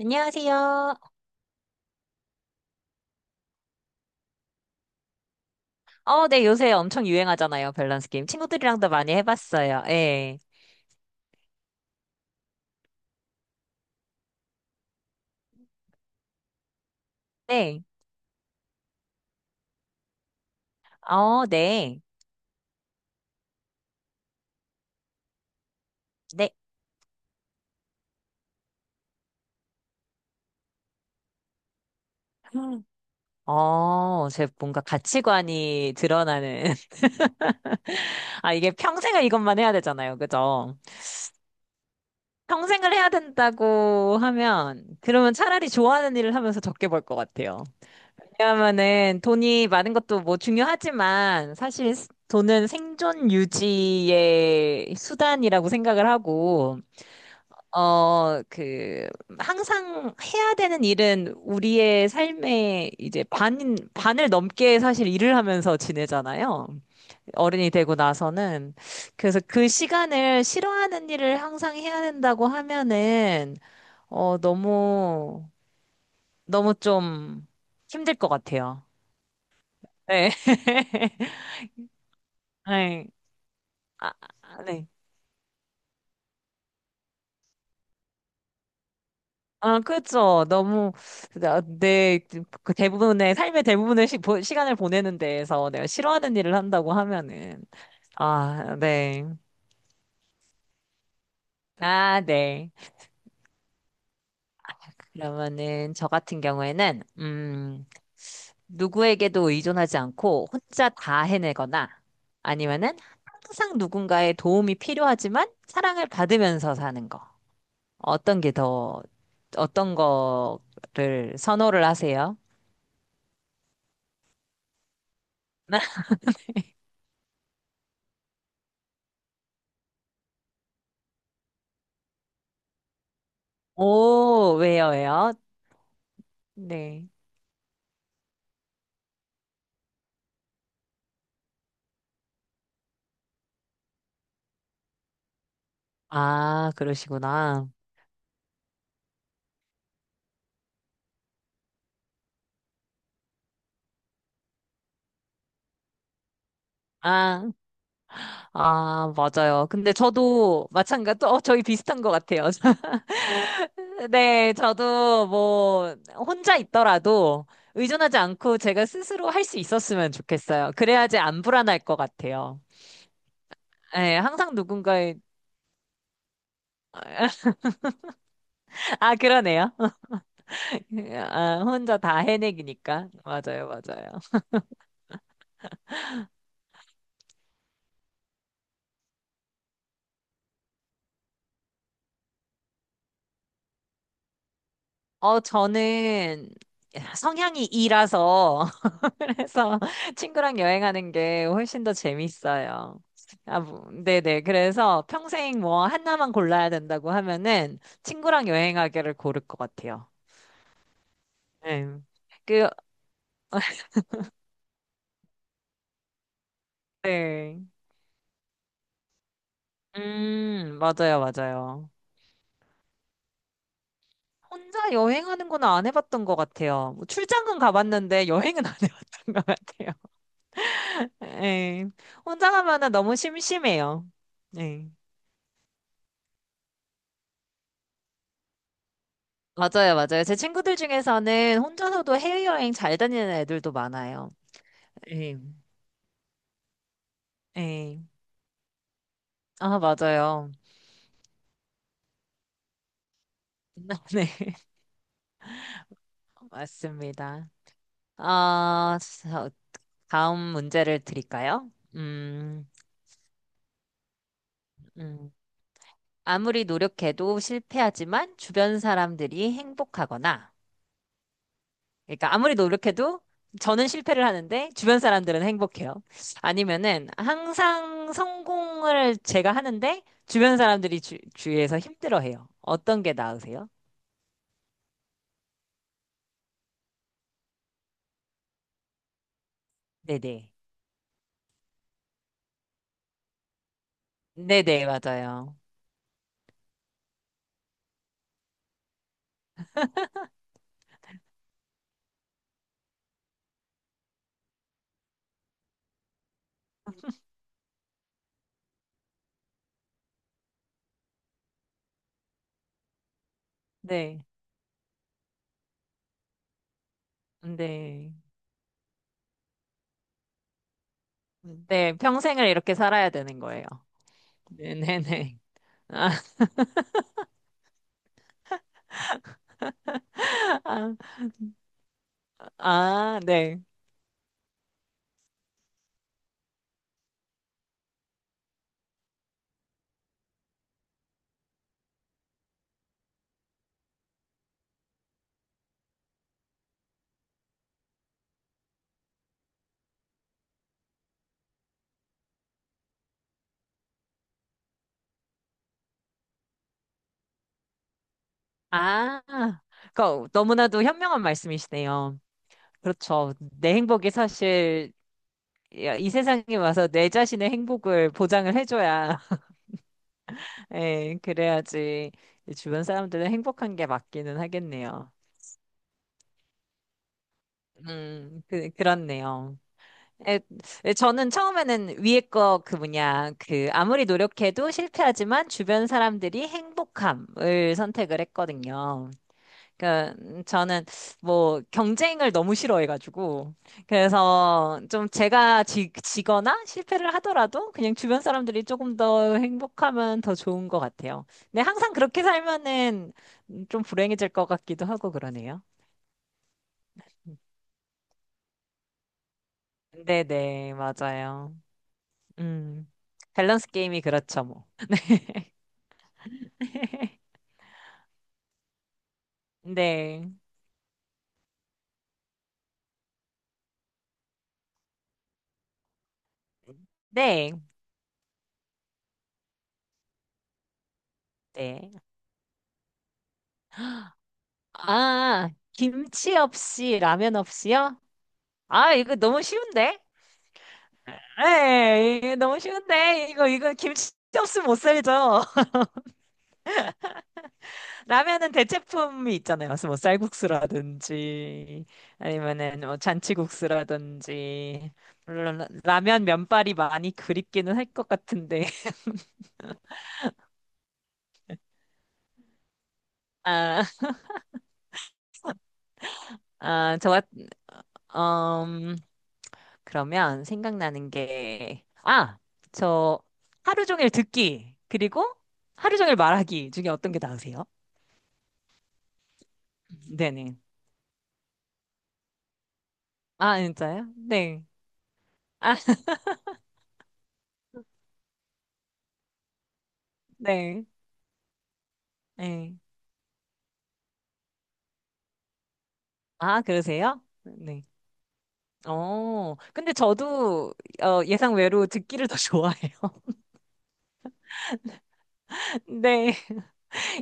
안녕하세요. 어, 네, 요새 엄청 유행하잖아요, 밸런스 게임. 친구들이랑도 많이 해봤어요. 예. 네. 어, 네. 네. 음. 어, 제 뭔가 가치관이 드러나는. 아, 이게 평생을 이것만 해야 되잖아요. 그죠? 평생을 해야 된다고 하면, 그러면 차라리 좋아하는 일을 하면서 적게 벌 것 같아요. 왜냐하면은 돈이 많은 것도 뭐 중요하지만, 사실 돈은 생존 유지의 수단이라고 생각을 하고, 어, 그, 항상 해야 되는 일은 우리의 삶의 이제 반을 넘게 사실 일을 하면서 지내잖아요. 어른이 되고 나서는. 그래서 그 시간을 싫어하는 일을 항상 해야 된다고 하면은, 어, 너무, 너무 좀 힘들 것 같아요. 네. 네. 아, 아, 네. 아, 그렇죠. 나- 내, 그 대부분의 시간을 보내는 데에서 내가 싫어하는 일을 한다고 하면은 아, 네. 아, 네. 그러면은 저 같은 경우에는 누구에게도 의존하지 않고 혼자 다 해내거나 아니면은 항상 누군가의 도움이 필요하지만 사랑을 받으면서 사는 거. 어떤 게 더, 어떤 거를 선호를 하세요? 오, 왜요? 네. 아, 그러시구나. 아, 아, 맞아요. 근데 저도 마찬가지, 어, 저희 비슷한 것 같아요. 네, 저도 뭐, 혼자 있더라도 의존하지 않고 제가 스스로 할 수 있었으면 좋겠어요. 그래야지 안 불안할 것 같아요. 네, 항상 누군가의, 아, 그러네요. 아, 혼자 다 해내기니까. 맞아요, 맞아요. 어, 저는 성향이 이라서 그래서 친구랑 여행하는 게 훨씬 더 재밌어요. 아, 뭐, 네네. 그래서 평생 뭐 하나만 골라야 된다고 하면은 친구랑 여행하기를 고를 것 같아요. 네. 그, 네. 맞아요, 맞아요. 혼자 여행하는 건 안 해봤던 것 같아요. 뭐 출장은 가봤는데 여행은 안 해봤던 것 같아요. 네. 혼자 가면은 너무 심심해요. 네. 맞아요, 맞아요. 제 친구들 중에서는 혼자서도 해외여행 잘 다니는 애들도 많아요. 예, 예. 아, 맞아요. 네, 맞습니다. 아, 저- 다음 문제를 드릴까요? 음, 음. 아무리 노력해도 실패하지만 주변 사람들이 행복하거나, 그러니까 아무리 노력해도 저는 실패를 하는데 주변 사람들은 행복해요. 아니면은 항상 성공을 제가 하는데 주변 사람들이 주위에서 힘들어해요. 어떤 게 나으세요? 네네. 네네, 맞아요. 네, 네. 네, 평생을 이렇게 살아야 되는 거예요. 네네네. 아, 아, 아, 네. 아, 그 너무나도 현명한 말씀이시네요. 그렇죠. 내 행복이 사실 이 세상에 와서 내 자신의 행복을 보장을 해줘야, 예, 그래야지 주변 사람들은 행복한 게 맞기는 하겠네요. 그렇네요. 에, 에, 저는 처음에는 위에 거 그 뭐냐 그 아무리 노력해도 실패하지만 주변 사람들이 행복함을 선택을 했거든요. 그 저는 뭐 경쟁을 너무 싫어해가지고 그래서 좀 제가 지거나 실패를 하더라도 그냥 주변 사람들이 조금 더 행복하면 더 좋은 것 같아요. 근데 항상 그렇게 살면은 좀 불행해질 것 같기도 하고 그러네요. 네네 맞아요. 음 밸런스 게임이 그렇죠 뭐. 네, 네, 네. 아, 김치 없이 라면 없이요? 아, 이거 너무 쉬운데? 네, 이게 너무 쉬운데? 이거, 이거 김치 없으면 못 살죠. 라면은 대체품이 있잖아요. 무슨 뭐 쌀국수라든지, 아니면은 뭐 잔치국수라든지. 물론 라면 면발이 많이 그립기는 할 것 같은데. 아, 아, 음, 그러면 생각나는 게, 아, 저 하루 종일 듣기, 그리고 하루 종일 말하기 중에 어떤 게 나으세요? 네네. 아, 진짜요? 네. 아, 네. 네. 아, 그러세요? 네. 어, 근데 저도 어, 예상 외로 듣기를 더 좋아해요. 네.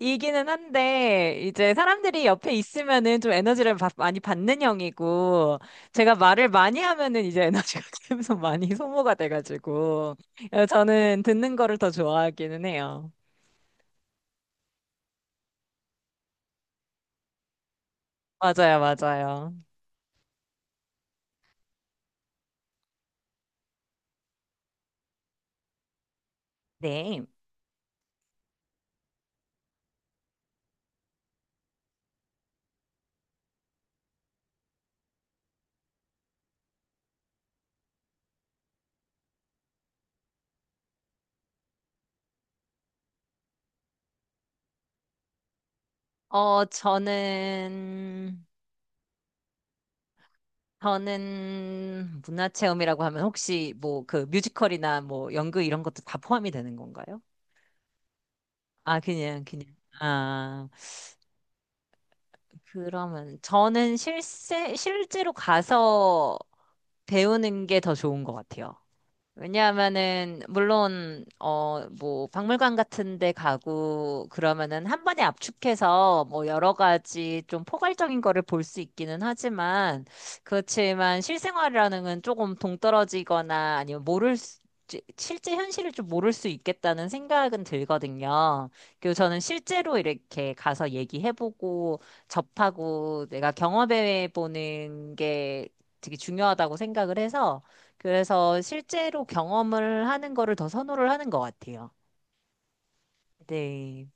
이기는 한데 이제 사람들이 옆에 있으면은 좀 에너지를 많이 받는 형이고 제가 말을 많이 하면은 이제 에너지가 계속 많이 소모가 돼가지고 어, 저는 듣는 거를 더 좋아하기는 해요. 맞아요, 맞아요. 네. 어, 저는 저는 문화체험이라고 하면 혹시 뭐 그 뮤지컬이나 뭐 연극 이런 것도 다 포함이 되는 건가요? 아, 그냥 그냥. 아. 그러면 저는 실제로 가서 배우는 게 더 좋은 것 같아요. 왜냐하면은 물론 어 뭐 박물관 같은 데 가고 그러면은 한 번에 압축해서 뭐 여러 가지 좀 포괄적인 거를 볼 수 있기는 하지만 그렇지만 실생활이라는 건 조금 동떨어지거나 아니면 모를 수, 실제 현실을 좀 모를 수 있겠다는 생각은 들거든요. 그리고 저는 실제로 이렇게 가서 얘기해보고 접하고 내가 경험해보는 게 되게 중요하다고 생각을 해서 그래서 실제로 경험을 하는 거를 더 선호를 하는 것 같아요. 네,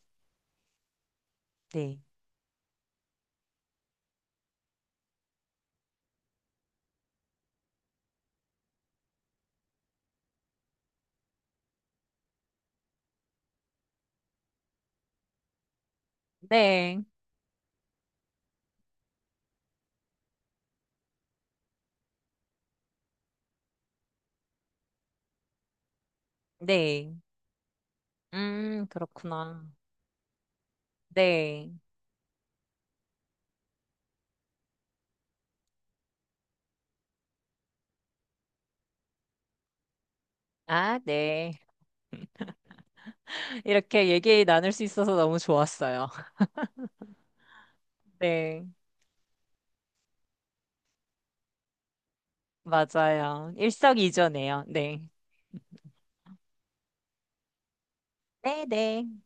네, 네, 네. 그렇구나. 네. 아, 네. 이렇게 얘기 나눌 수 있어서 너무 좋았어요. 네, 맞아요. 일석이조네요. 네. 네, 네.